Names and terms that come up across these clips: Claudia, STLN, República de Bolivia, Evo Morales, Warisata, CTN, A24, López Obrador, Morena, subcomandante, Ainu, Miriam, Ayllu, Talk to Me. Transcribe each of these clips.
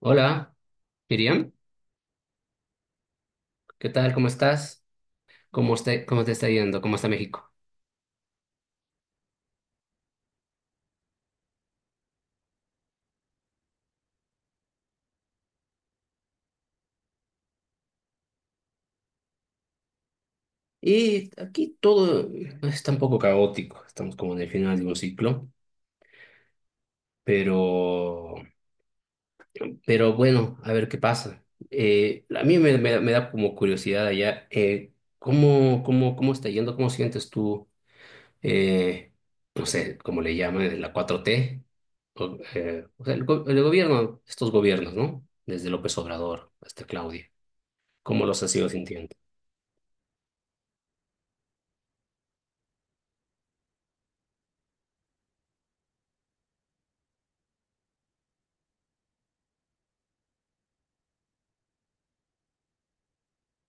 Hola, Miriam, ¿qué tal? ¿Cómo estás? ¿Cómo te está yendo? ¿Cómo está México? Y aquí todo está un poco caótico. Estamos como en el final de un ciclo, pero, pero bueno, a ver qué pasa. A mí me da como curiosidad allá, ¿cómo está yendo? ¿Cómo sientes tú, eh, no sé, cómo le llaman, la cuatro t? O sea, el gobierno, estos gobiernos, ¿no? Desde López Obrador hasta Claudia. ¿Cómo los has ido sintiendo?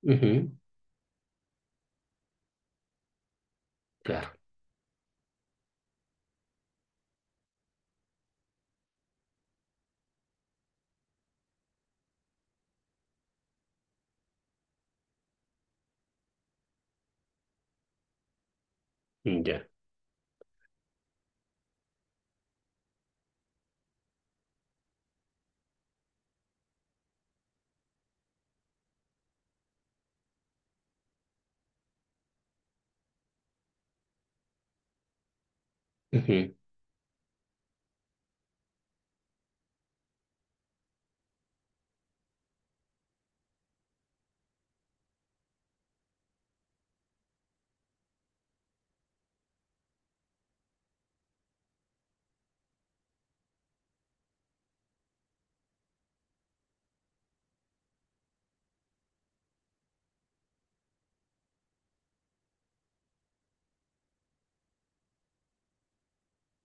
Ujú, claro, ya. Ujú,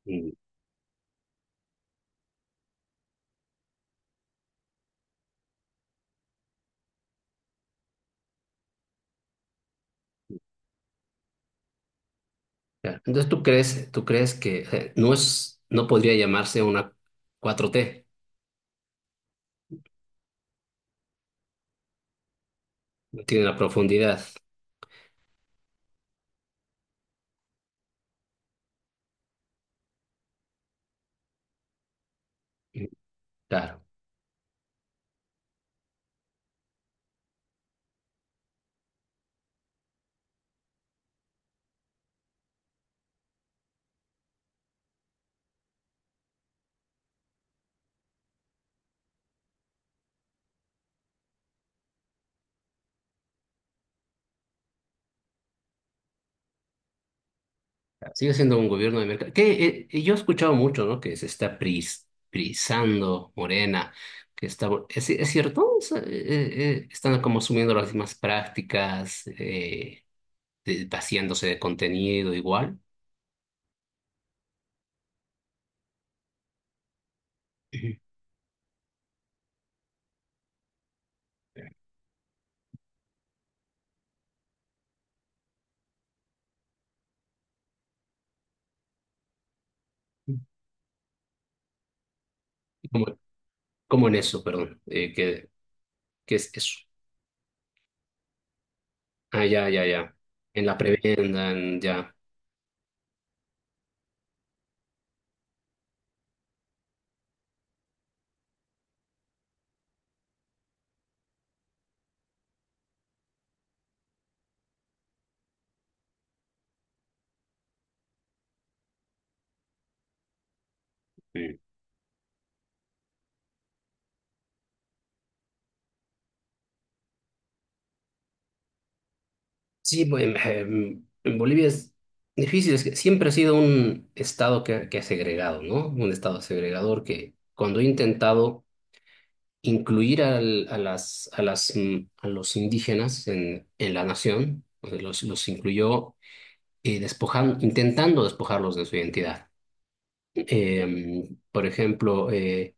mm, ya. Entonces, ¿tú crees que no es, no podría llamarse una cuatro t? No tiene la profundidad. Mm. Claro. Claro. Sigue siendo un gobierno de mercado. Que, yo he escuchado mucho, ¿no? Que se está prisando Morena, que está, ¿es cierto? Están como asumiendo las mismas prácticas, vaciándose de contenido igual. Ujú. ¿Cómo, cómo en eso, perdón? ¿Qué es eso? Ah, ya. En la prebenda, ya. Sí. Sí, bueno, en Bolivia es difícil. Es que siempre ha sido un estado que ha segregado, ¿no? Un estado segregador que cuando he intentado incluir a los indígenas en la nación, pues, los incluyó despojando, intentando despojarlos de su identidad. Por ejemplo,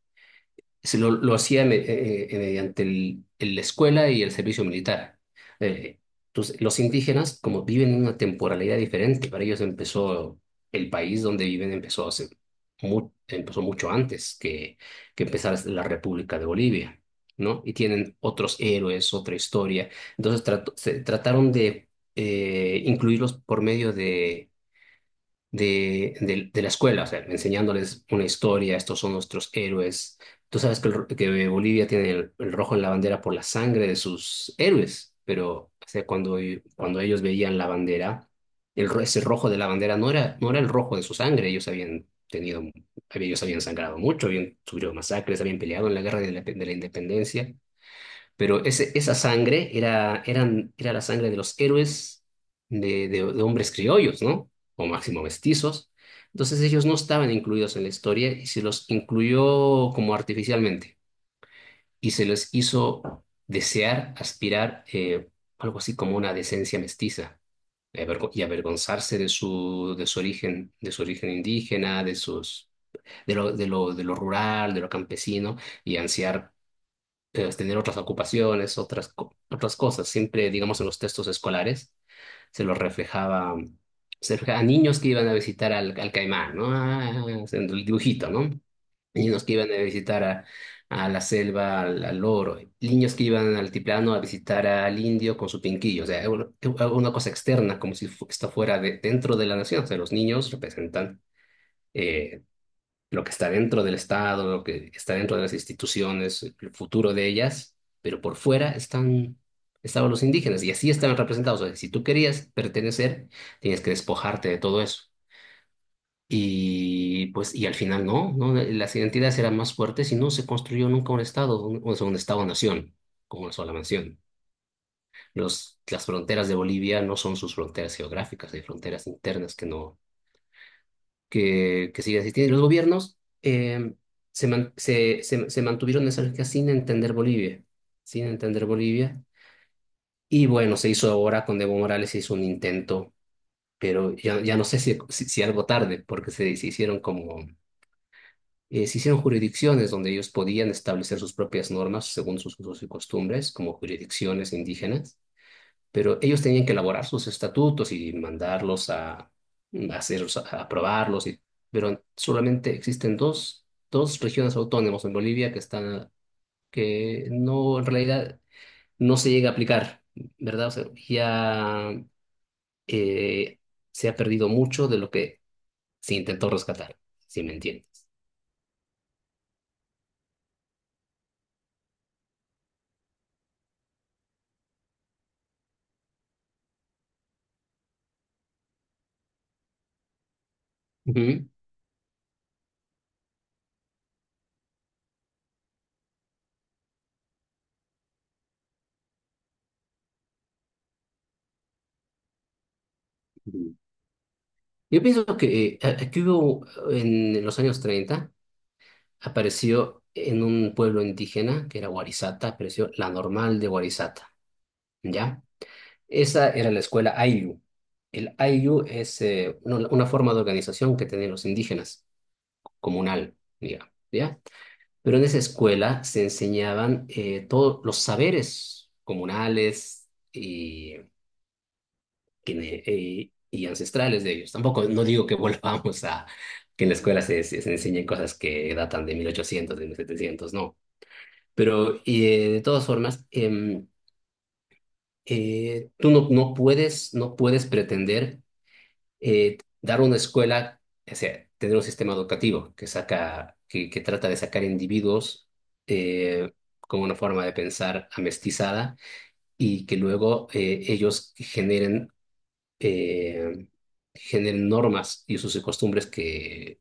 se lo hacía mediante la escuela y el servicio militar. Eh, entonces, los indígenas, como viven en una temporalidad diferente, para ellos empezó el país donde viven, empezó, hace empezó mucho antes que empezara la República de Bolivia, ¿no? Y tienen otros héroes, otra historia. Entonces, trataron de incluirlos por medio de de la escuela. O sea, enseñándoles una historia, estos son nuestros héroes. Tú sabes que, que Bolivia tiene el rojo en la bandera por la sangre de sus héroes, pero o sea, cuando ellos veían la bandera, ese rojo de la bandera no era el rojo de su sangre. Ellos habían sangrado mucho, habían sufrido masacres, habían peleado en la guerra de de la independencia. Esa sangre era la sangre de los héroes de hombres criollos, ¿no? O máximo mestizos. Entonces ellos no estaban incluidos en la historia y se los incluyó como artificialmente. Y se les hizo desear, aspirar, algo así como una decencia mestiza y y avergonzarse de su origen indígena, de de lo, de lo, de lo rural, de lo campesino, y ansiar tener otras ocupaciones, otras cosas. Siempre, digamos, en los textos escolares se los reflejaba, se reflejaba a niños que iban a visitar al Caimán, ¿no? Ah, haciendo el dibujito, ¿no? Niños que iban a visitar a la selva, al loro, niños que iban al altiplano a visitar al indio con su pinquillo. O sea, era una cosa externa, como si esto fuera dentro de la nación. O sea, los niños representan eh, lo que está dentro del Estado, lo que está dentro de las instituciones, el futuro de ellas, pero por fuera estaban los indígenas y así estaban representados. O sea, si tú querías pertenecer, tenías que despojarte de todo eso. Y pues, y al final no, las identidades eran más fuertes y no se construyó nunca un Estado, o sea, un Estado-nación, como una sola nación. Las fronteras de Bolivia no son sus fronteras geográficas, hay fronteras internas que no, que sigue existiendo. Y los gobiernos se mantuvieron en esa lógica sin entender Bolivia, sin entender Bolivia. Y bueno, se hizo ahora con Evo Morales, se hizo un intento, pero ya, ya no sé si algo tarde, porque se hicieron como, se hicieron jurisdicciones donde ellos podían establecer sus propias normas según sus usos y costumbres, como jurisdicciones indígenas, pero ellos tenían que elaborar sus estatutos y mandarlos a hacer, a aprobarlos, y, pero solamente existen dos regiones autónomas en Bolivia que están, que no, en realidad, no se llega a aplicar, ¿verdad? O sea, ya eh, se ha perdido mucho de lo que se intentó rescatar, si me entiendes. Ujú. Ujú. Yo pienso que aquí hubo en los años 30, apareció en un pueblo indígena que era Warisata, apareció la normal de Warisata, ¿ya? Esa era la escuela Ayllu. El Ayllu es una forma de organización que tenían los indígenas, comunal, digamos, ¿ya? Pero en esa escuela se enseñaban todos los saberes comunales y, que- y ancestrales de ellos. Tampoco, no digo que volvamos a que en la escuela se enseñen cosas que datan de 1800, de 1700, no. Pero de todas formas, tú no, no puedes, no puedes pretender dar una escuela, o sea, tener un sistema educativo que saca, que trata de sacar individuos eh, con una forma de pensar amestizada y que luego ellos eh, generen normas y sus costumbres que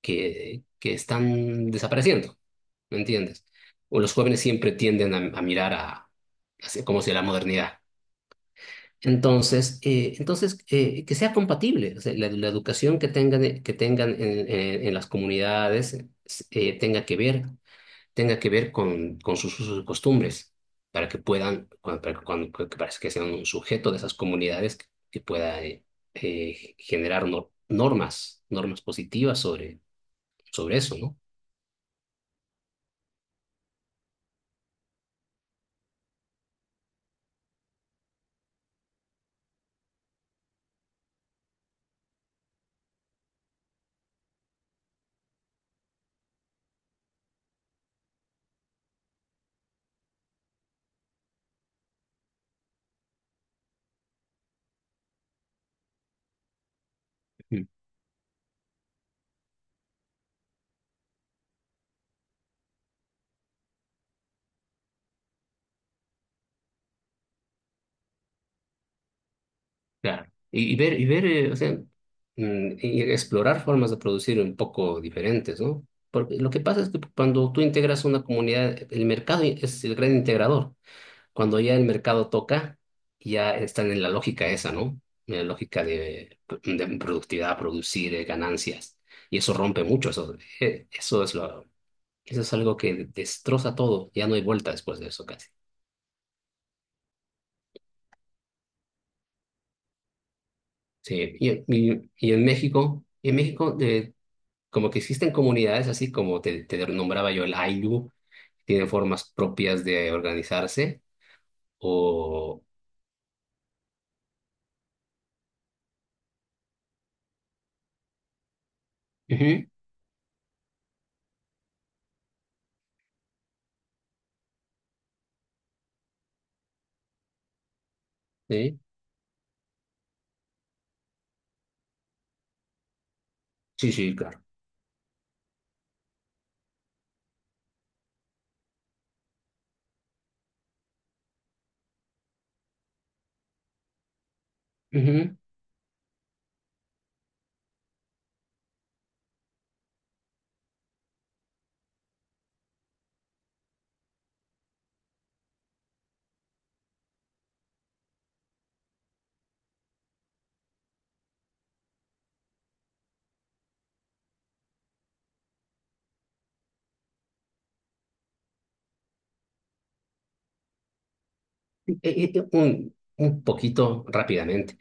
que, que están desapareciendo, ¿me entiendes? O los jóvenes siempre tienden a mirar a, hacia- como si la modernidad. Entonces, que sea compatible. O sea, la educación que tengan en, en las comunidades eh, tenga que ver, tenga que ver con sus usos y costumbres, para que puedan, cuando, para que, para que sean un sujeto de esas comunidades que pueda generar normas, normas positivas sobre, sobre eso, ¿no? Claro. Y ver, o sea, mm, y explorar formas de producir un poco diferentes, ¿no? Porque lo que pasa es que cuando tú integras una comunidad, el mercado es el gran integrador. Cuando ya el mercado toca, ya están en la lógica esa, ¿no? En la lógica de productividad, producir ganancias. Y eso rompe mucho, eso es lo, eso es algo que destroza todo. Ya no hay vuelta después de eso casi. Sí, y en México, como que existen comunidades así como te nombraba yo el Ainu, tienen formas propias de organizarse o... Ujú. Sí, sí, sí, claro. Ujú. Un poquito rápidamente.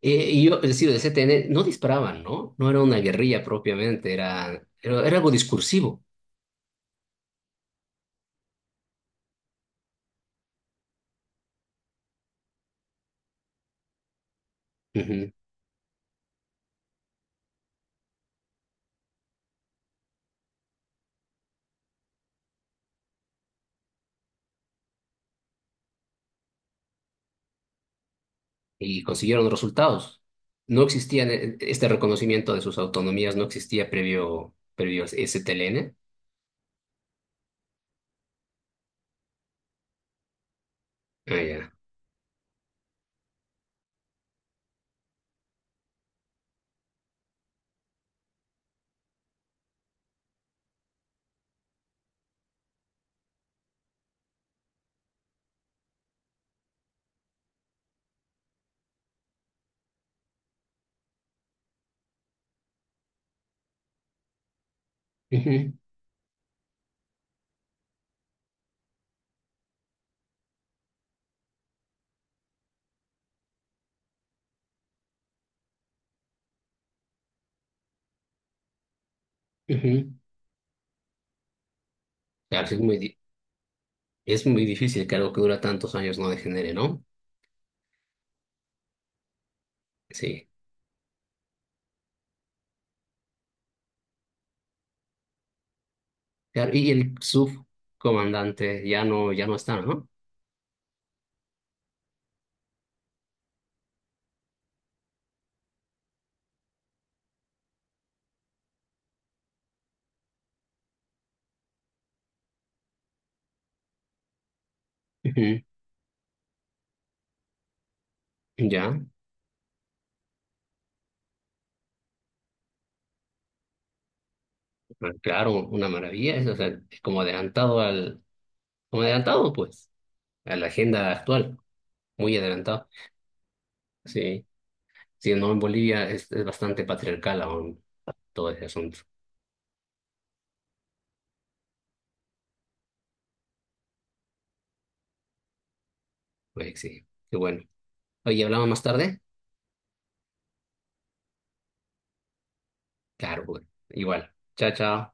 Y yo, es decir, el CTN no disparaban, ¿no? No era una guerrilla propiamente, era algo discursivo. Ujú. Y consiguieron resultados. No existía este reconocimiento de sus autonomías, no existía previo, previo a STLN. Ah, ya. Ujú, ujú. Claro, sí es muy, es muy difícil que algo que dura tantos años no degenere, ¿no? Sí. Claro, y el subcomandante ya no, ya no está, ¿no? Ujú. Ya, pero claro, una maravilla, es, o sea, es como adelantado al, como adelantado, pues, a la agenda actual, muy adelantado. Sí, sí, no, en Bolivia es bastante patriarcal aún todo ese asunto. Oye, sí, qué bueno. Oye, ¿hablamos más tarde? Claro, bueno, igual. Chao, chao.